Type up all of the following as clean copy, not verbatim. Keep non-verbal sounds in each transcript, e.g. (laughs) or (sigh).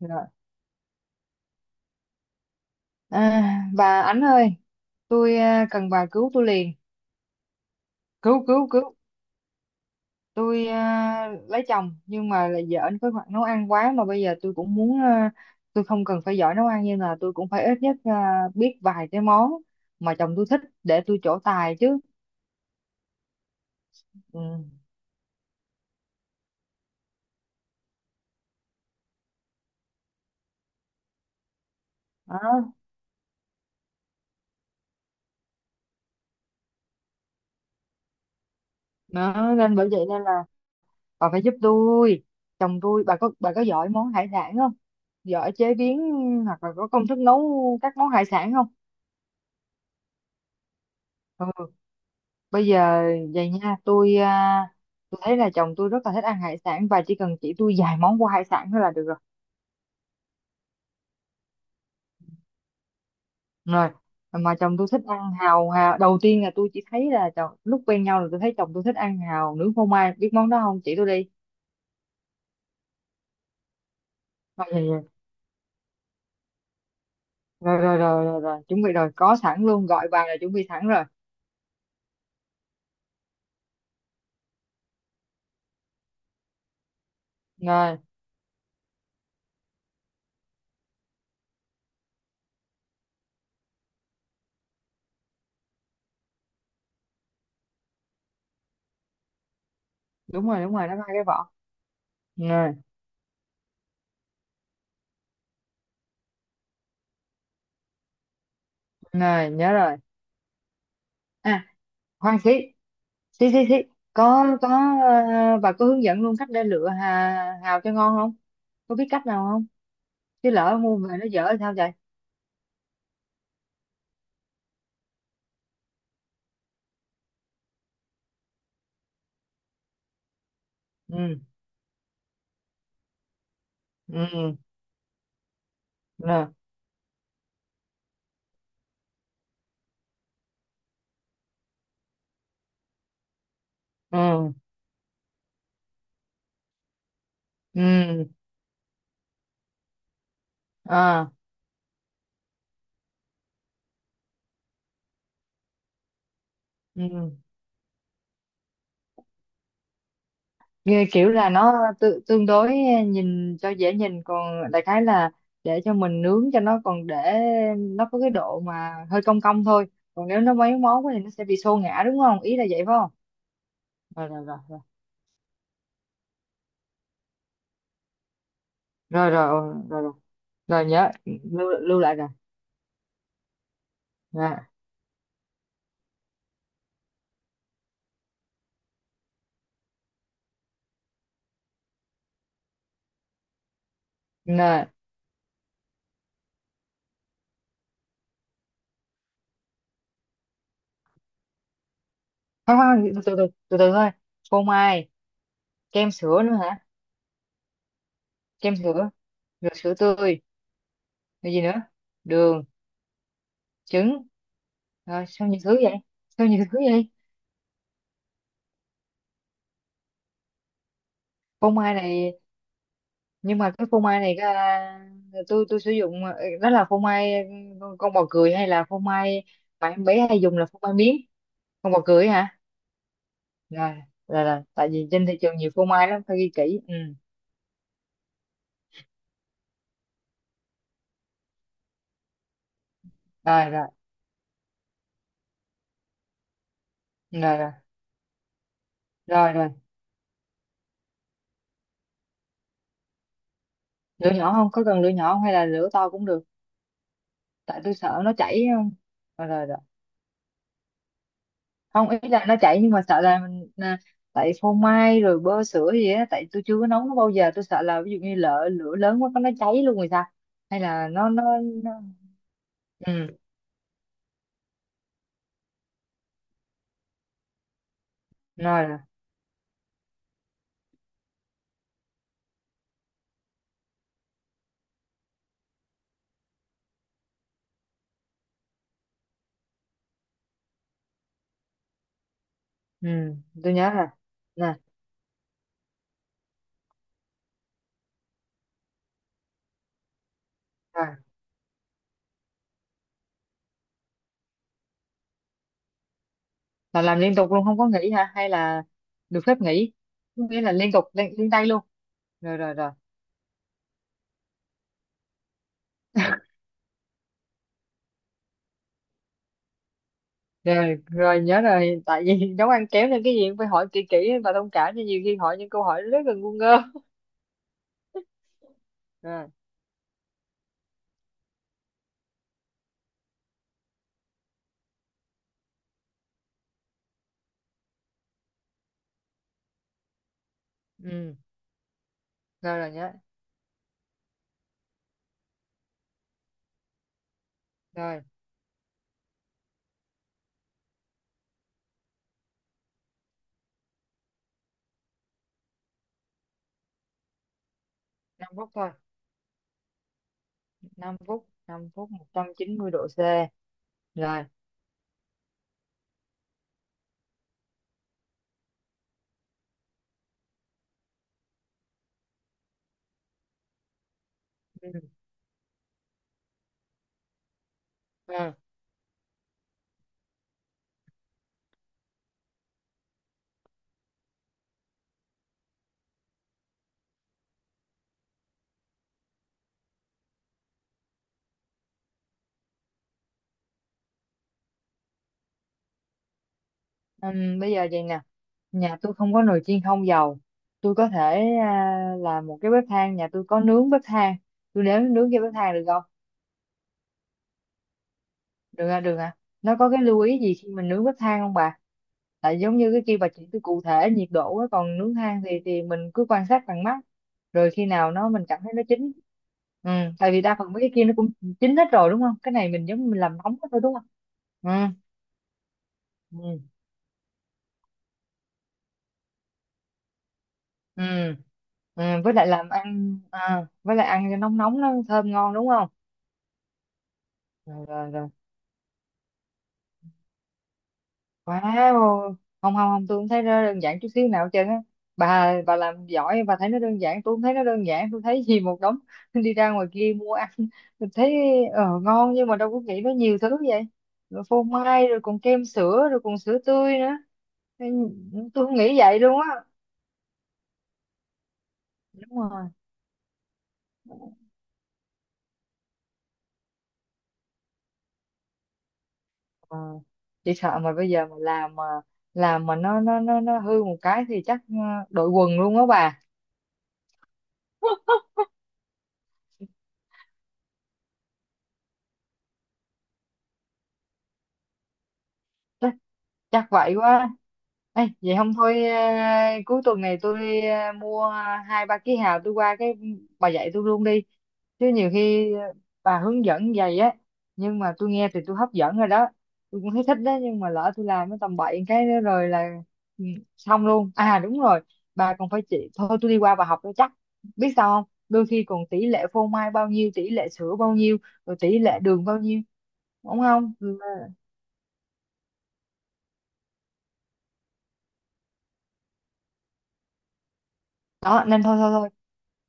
Rồi. À, bà Ánh ơi, tôi cần bà cứu tôi liền. Cứu, cứu, cứu. Tôi lấy chồng, nhưng mà là vợ anh có khoảng nấu ăn quá mà bây giờ tôi cũng muốn, tôi không cần phải giỏi nấu ăn nhưng là tôi cũng phải ít nhất, biết vài cái món mà chồng tôi thích để tôi trổ tài chứ. Ừ. Đó. Đó. Nên bởi vậy nên là bà phải giúp tôi. Chồng tôi, bà có giỏi món hải sản không? Giỏi chế biến hoặc là có công thức nấu các món hải sản không? Ừ. Bây giờ vậy nha tôi thấy là chồng tôi rất là thích ăn hải sản và chỉ cần chỉ tôi vài món của hải sản thôi là được rồi, rồi mà chồng tôi thích ăn hàu, hào đầu tiên là tôi chỉ thấy là chồng lúc quen nhau là tôi thấy chồng tôi thích ăn hàu nướng phô mai, biết món đó không, chỉ tôi đi. Rồi rồi rồi rồi, rồi, rồi, rồi. Chuẩn bị rồi, có sẵn luôn, gọi bàn là chuẩn bị sẵn rồi. Rồi, đúng rồi, đúng rồi, nó có hai cái vỏ. Rồi, rồi nhớ rồi. À, khoan xí. Xí xí xí. Có, bà có hướng dẫn luôn cách để lựa hào cho ngon không? Có biết cách nào không? Chứ lỡ mua về nó dở thì sao vậy? Ừ, ừ nè, ừ, ừ, à ừ. Nghe kiểu là nó tự, tương đối nhìn cho dễ nhìn, còn đại khái là để cho mình nướng cho nó, còn để nó có cái độ mà hơi cong cong thôi. Còn nếu nó mấy món quá thì nó sẽ bị xô ngã, đúng không? Ý là vậy phải không? Rồi rồi rồi rồi, rồi rồi rồi, rồi. Rồi nhớ lưu lại rồi. Rồi, nè, khoan khoan, từ từ từ từ từ thôi. Phô mai, kem sữa nữa hả? Kem sữa, rồi sữa tươi, rồi gì nữa, đường, trứng. Rồi sao nhiều thứ vậy, sao nhiều thứ vậy. Phô mai này, nhưng mà cái phô mai này, tôi sử dụng, đó là phô mai, con bò cười hay là phô mai mà em bé hay dùng là phô mai miếng. Con bò cười hả? Rồi rồi rồi, tại vì trên thị trường nhiều phô mai lắm, phải ghi kỹ. Ừ. Rồi rồi rồi rồi rồi rồi. Lửa nhỏ, không có cần lửa nhỏ không hay là lửa to cũng được? Tại tôi sợ nó chảy ấy, không? Rồi, rồi, rồi. Không, ý là nó chảy nhưng mà sợ là mình, tại phô mai rồi bơ sữa gì á, tại tôi chưa có nấu nó bao giờ, tôi sợ là ví dụ như lỡ lửa lớn quá, có nó cháy luôn rồi sao? Hay là nó. Ừ. Rồi rồi. Ừ, tôi nhớ rồi nè. Rồi là làm liên tục luôn, không có nghỉ hả, hay là được phép nghỉ? Có nghĩa là liên tục, liên tay luôn. Rồi rồi rồi. (laughs) Rồi, rồi nhớ rồi, tại vì (laughs) nấu ăn kéo nên cái gì cũng phải hỏi kỹ kỹ, và thông cảm cho nhiều khi hỏi những câu hỏi rất là ngu ngơ. Rồi. Ừ, rồi rồi nhớ rồi. 5 phút thôi, 5 phút, 5 phút, 190°C. Rồi. Ừ. Ừ. Bây giờ vậy nè, nhà tôi không có nồi chiên không dầu, tôi có thể, làm một cái bếp than, nhà tôi có nướng bếp than, tôi nếm nướng cái bếp than được không? Được à, được à. Nó có cái lưu ý gì khi mình nướng bếp than không bà? Tại giống như cái kia bà chỉ cứ cụ thể nhiệt độ á, còn nướng than thì mình cứ quan sát bằng mắt, rồi khi nào nó mình cảm thấy nó chín. Ừ, tại vì đa phần mấy cái kia nó cũng chín hết rồi đúng không, cái này mình giống như mình làm nóng hết thôi, đúng không? Ừ. Ừ ừ, ừ. Với lại làm ăn, với lại ăn cho nóng nóng nó thơm ngon, đúng không? Rồi rồi rồi. Wow, không, không không, tôi không thấy nó đơn giản chút xíu nào hết trơn á. Bà làm giỏi bà thấy nó đơn giản, tôi không thấy nó đơn giản, tôi thấy gì một đống (laughs) đi ra ngoài kia mua ăn, mình thấy ngon nhưng mà đâu có nghĩ nó nhiều thứ vậy. Rồi phô mai rồi còn kem sữa rồi còn sữa tươi nữa. Nên tôi không nghĩ vậy luôn á. Đúng rồi. Ờ, chỉ sợ mà bây giờ mà làm mà nó hư một cái thì chắc, đội quần luôn á bà. Chắc vậy quá. Ê, vậy không thôi, cuối tuần này tôi, mua 2-3 ký hào, tôi qua cái bà dạy tôi luôn đi. Chứ nhiều khi, bà hướng dẫn vậy á, nhưng mà tôi nghe thì tôi hấp dẫn rồi đó, tôi cũng thấy thích đó, nhưng mà lỡ tôi làm cái tầm bậy cái nữa rồi là ừ, xong luôn à đúng rồi, bà còn phải chỉ, thôi tôi đi qua bà học cho chắc. Biết sao không, đôi khi còn tỷ lệ phô mai bao nhiêu, tỷ lệ sữa bao nhiêu, rồi tỷ lệ đường bao nhiêu, đúng không? Ừ, đó nên thôi thôi thôi,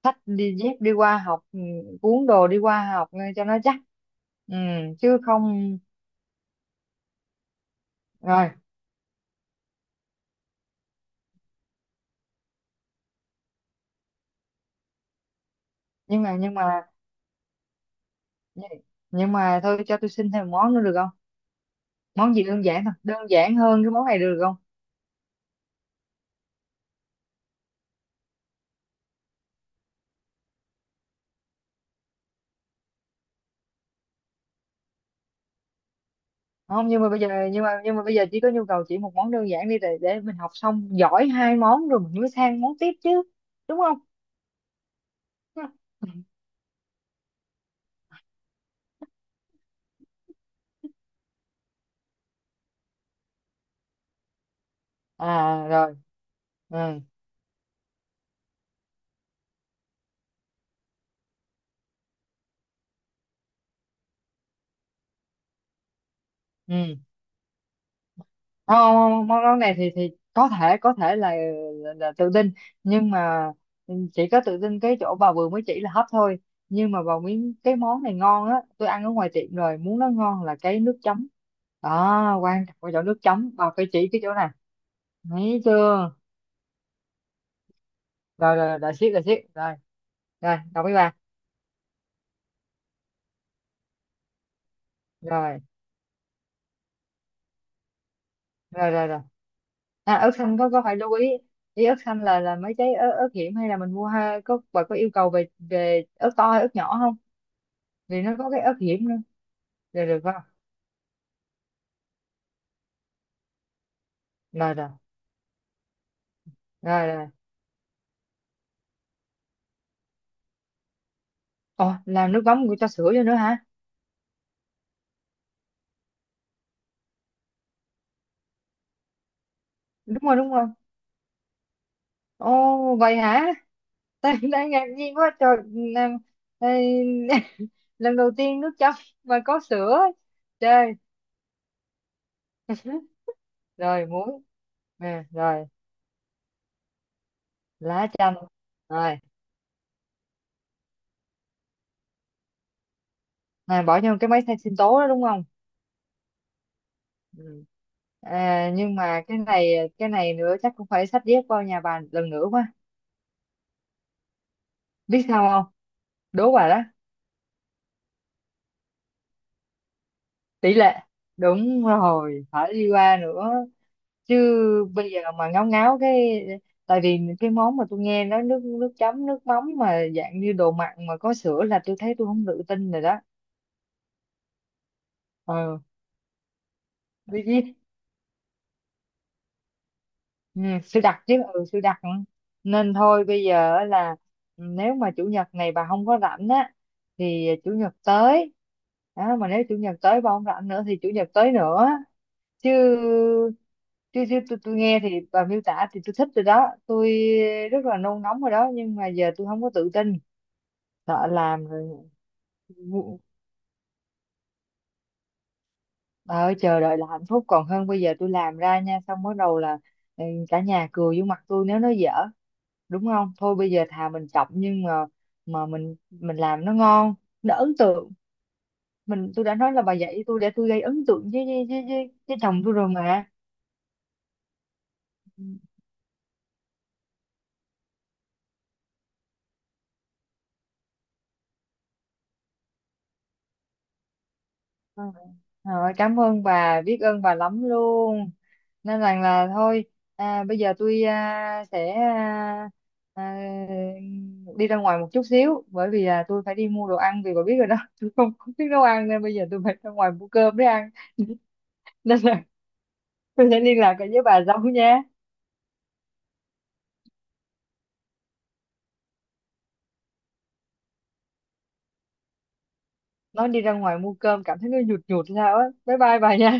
xách đi dép đi qua học, cuốn đồ đi qua học nghe cho nó chắc ừ, chứ không. Rồi, nhưng mà nhưng mà nhưng nhưng mà thôi cho tôi xin thêm một món nữa được không, món gì đơn giản thôi, đơn giản hơn cái món này được không? Không, nhưng mà bây giờ nhưng mà bây giờ chỉ có nhu cầu chỉ một món đơn giản đi để mình học xong giỏi hai món rồi mình mới sang món tiếp chứ, đúng không? (laughs) Rồi, ừ, ừ. Ờ, món món này thì có thể là tự tin, nhưng mà chỉ có tự tin cái chỗ bà vừa mới chỉ là hấp thôi, nhưng mà vào miếng cái món này ngon á, tôi ăn ở ngoài tiệm rồi, muốn nó ngon là cái nước chấm đó quan trọng, cái chỗ nước chấm bà phải chỉ cái chỗ này. Thấy chưa? Rồi rồi rồi, siết rồi, siết rồi. Rồi, đồng ý bà. Rồi rồi rồi rồi. À, ớt xanh có phải lưu ý, ý ớt xanh là mấy cái ớt hiểm, hay là mình mua, ha, bà có yêu cầu về về ớt to hay ớt nhỏ không, vì nó có cái ớt hiểm nữa. Rồi được không? Rồi rồi rồi rồi. Ồ, làm nước mắm của cho sữa vô nữa hả? Đúng rồi, đúng rồi. Ồ, vậy hả? (laughs) Tại em đang ngạc nhiên quá trời làm. Ê, (laughs) lần đầu tiên nước chấm mà có sữa chơi. Rồi muối, nè. Rồi lá chanh. Rồi, này bỏ vô cái máy xay sinh tố đó đúng không? Ừ. À, nhưng mà cái này nữa chắc cũng phải xách dép qua nhà bà lần nữa quá. Biết sao không, đố bà đó, tỷ lệ. Đúng rồi, phải đi qua nữa, chứ bây giờ mà ngáo ngáo cái. Tại vì cái món mà tôi nghe nó nước nước chấm, nước mắm mà dạng như đồ mặn mà có sữa là tôi thấy tôi không tự tin rồi đó. Ờ, biết chứ. Ừ, sư đặt chứ, ừ, sư đặt. Ừ. Nên thôi bây giờ á là nếu mà chủ nhật này bà không có rảnh á, thì chủ nhật tới đó, mà nếu chủ nhật tới bà không rảnh nữa thì chủ nhật tới nữa, chứ chứ, chứ, tôi nghe thì bà miêu tả thì tôi thích rồi đó, tôi rất là nôn nóng rồi đó, nhưng mà giờ tôi không có tự tin, sợ làm rồi ngu- bà. Chờ đợi là hạnh phúc, còn hơn bây giờ tôi làm ra nha xong bắt đầu là, cả nhà cười vô mặt tôi nếu nó dở, đúng không? Thôi bây giờ thà mình chọc, nhưng mà mình làm nó ngon, nó ấn tượng mình, tôi đã nói là bà dạy tôi để tôi gây ấn tượng với chồng tôi rồi mà. Ừ. Rồi, cảm ơn bà, biết ơn bà lắm luôn. Nên rằng là thôi, bây giờ tôi sẽ à, đi ra ngoài một chút xíu, bởi vì là tôi phải đi mua đồ ăn, vì bà biết rồi đó, (laughs) tôi không biết nấu ăn nên bây giờ tôi phải ra ngoài mua cơm để ăn. (laughs) Nên là tôi sẽ liên lạc lại với bà sau nha. Nói đi ra ngoài mua cơm cảm thấy nó nhụt nhụt sao á, bye bye bà nha.